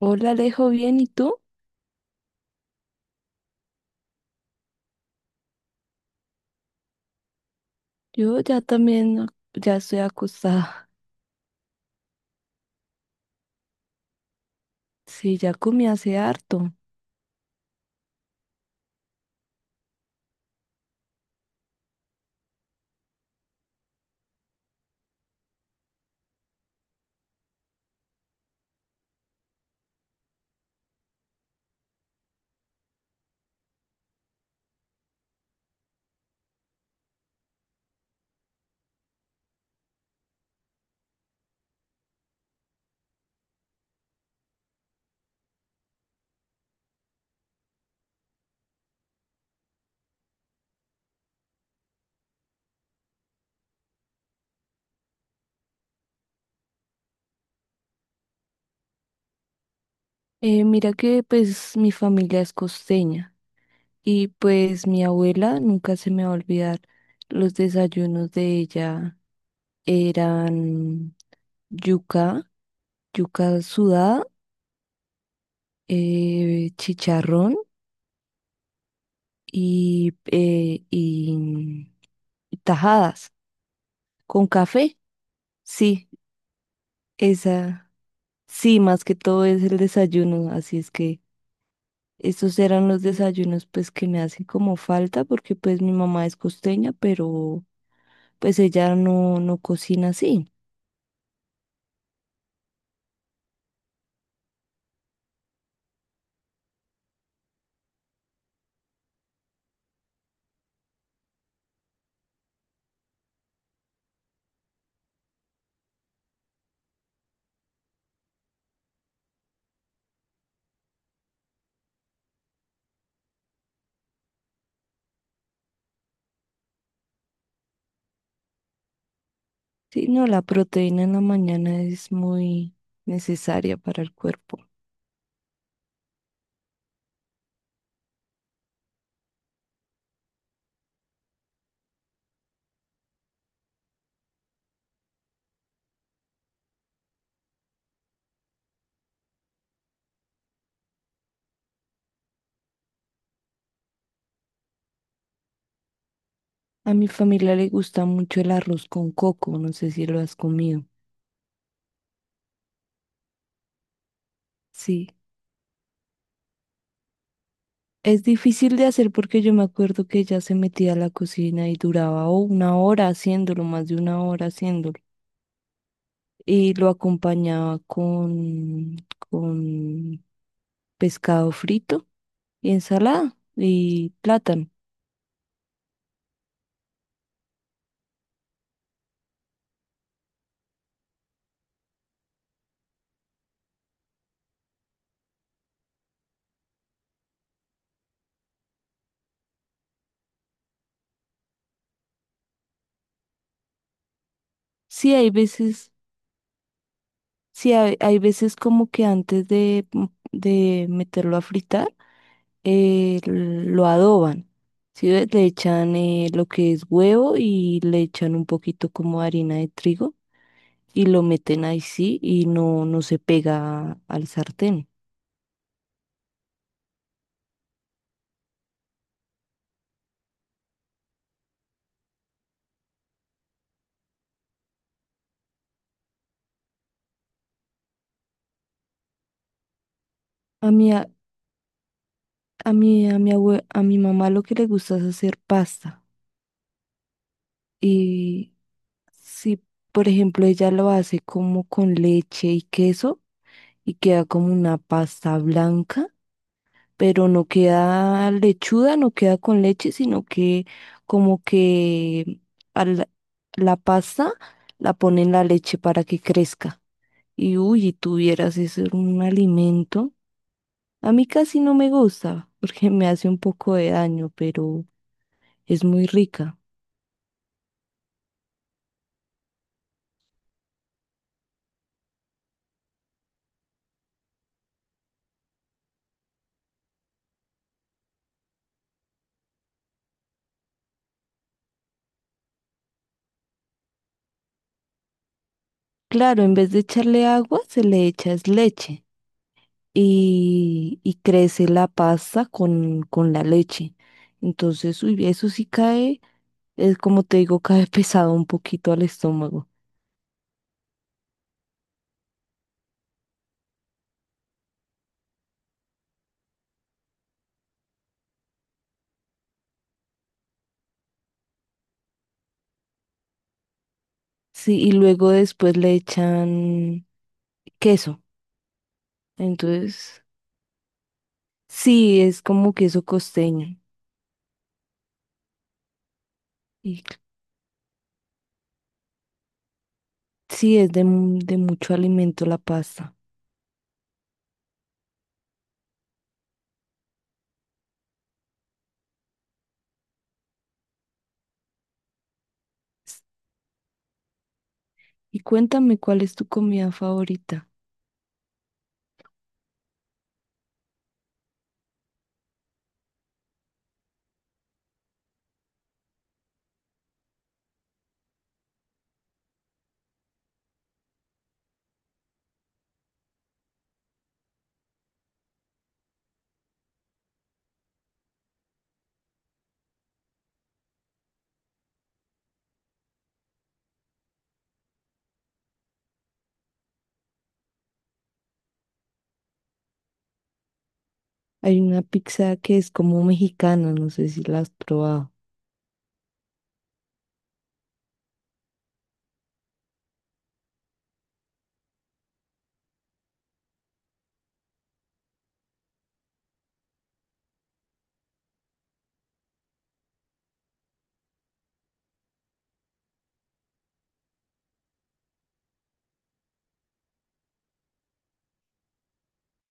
Hola, Alejo, bien, ¿y tú? Yo ya también, ya estoy acostada. Sí, ya comí hace harto. Mira que pues mi familia es costeña y pues mi abuela, nunca se me va a olvidar, los desayunos de ella eran yuca, yuca sudada, chicharrón y tajadas con café. Sí, esa, sí, más que todo es el desayuno, así es que... Estos eran los desayunos pues que me hacen como falta porque pues mi mamá es costeña, pero pues ella no cocina así. Sí, no, la proteína en la mañana es muy necesaria para el cuerpo. A mi familia le gusta mucho el arroz con coco, no sé si lo has comido. Sí, es difícil de hacer porque yo me acuerdo que ella se metía a la cocina y duraba oh, una hora haciéndolo, más de una hora haciéndolo. Y lo acompañaba con pescado frito, ensalada y plátano. Sí, hay veces, sí, hay veces como que antes de, de meterlo a fritar, lo adoban. Sí, ve, le echan lo que es huevo y le echan un poquito como de harina de trigo y lo meten ahí sí y no se pega al sartén. A mi, a, a mi abue- a mi mamá lo que le gusta es hacer pasta. Si, por ejemplo, ella lo hace como con leche y queso y queda como una pasta blanca, pero no queda lechuda, no queda con leche, sino que como que a la, la pasta la pone en la leche para que crezca. Y uy, y tuvieras ese un alimento. A mí casi no me gusta porque me hace un poco de daño, pero es muy rica. Claro, en vez de echarle agua, se le echa es leche. Y crece la pasta con la leche. Entonces, uy, eso sí cae, es como te digo, cae pesado un poquito al estómago. Sí, y luego después le echan queso. Entonces, sí, es como queso costeño. Y sí, es de, mu- de mucho alimento la pasta. Y cuéntame, ¿cuál es tu comida favorita? Hay una pizza que es como mexicana, no sé si la has probado.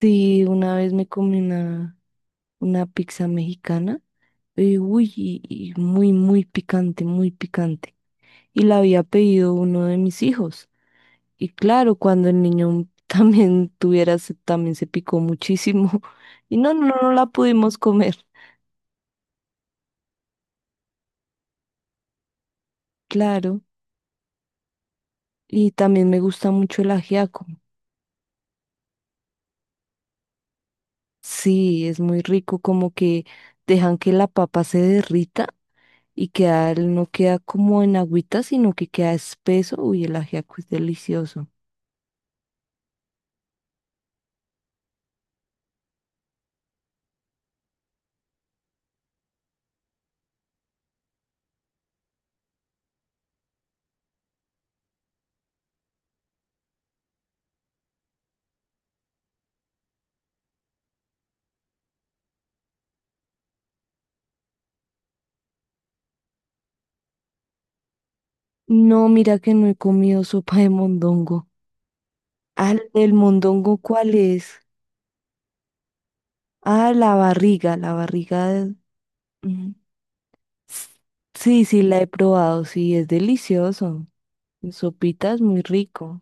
Sí, una vez me comí una pizza mexicana. Y uy, y muy, muy picante, muy picante. Y la había pedido uno de mis hijos. Y claro, cuando el niño también tuviera, se- también se picó muchísimo. Y no, no, no la pudimos comer. Claro. Y también me gusta mucho el ajiaco. Sí, es muy rico, como que dejan que la papa se derrita y queda, no queda como en agüita, sino que queda espeso. Uy, el ajiaco es delicioso. No, mira que no he comido sopa de mondongo. Ah, ¿el mondongo cuál es? Ah, la barriga, la barriga. De- mm, s- Sí, sí, la he probado, sí, es delicioso. En sopita es muy rico.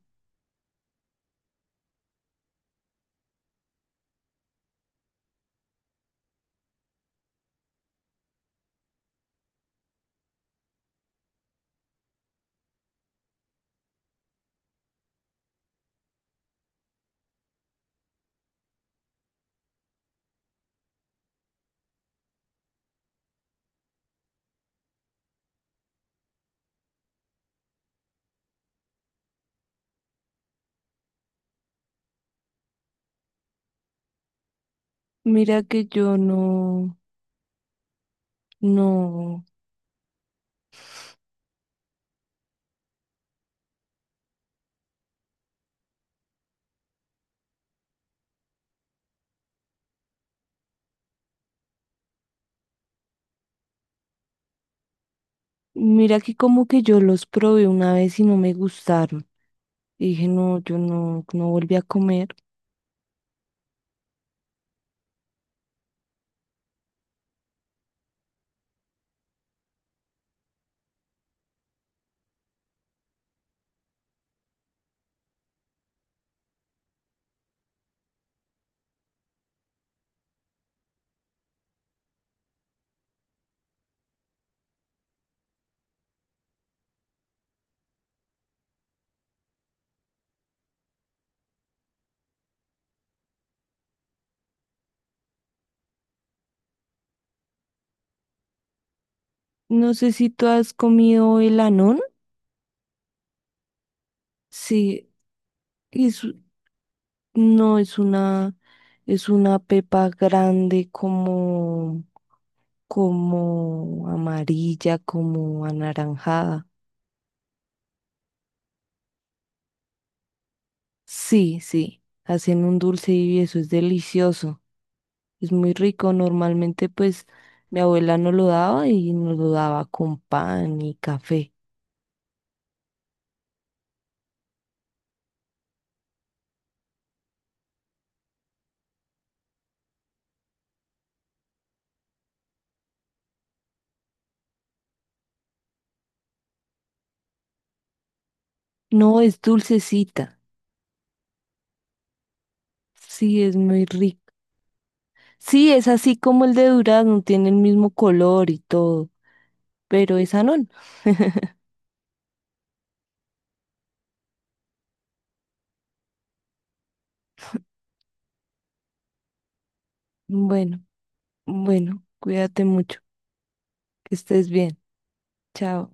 Mira que yo no, no. Mira que como que yo los probé una vez y no me gustaron. Y dije, no, yo no, no volví a comer. No sé si tú has comido el anón. Sí, es, no, es una pepa grande como, como amarilla, como anaranjada. Sí, sí, hacen un dulce y eso es delicioso, es muy rico. Normalmente pues mi abuela no lo daba y nos lo daba con pan y café. No, es dulcecita, sí, es muy rico. Sí, es así como el de durazno, tiene el mismo color y todo, pero esa no. Bueno, bueno, cuídate mucho. Que estés bien. Chao.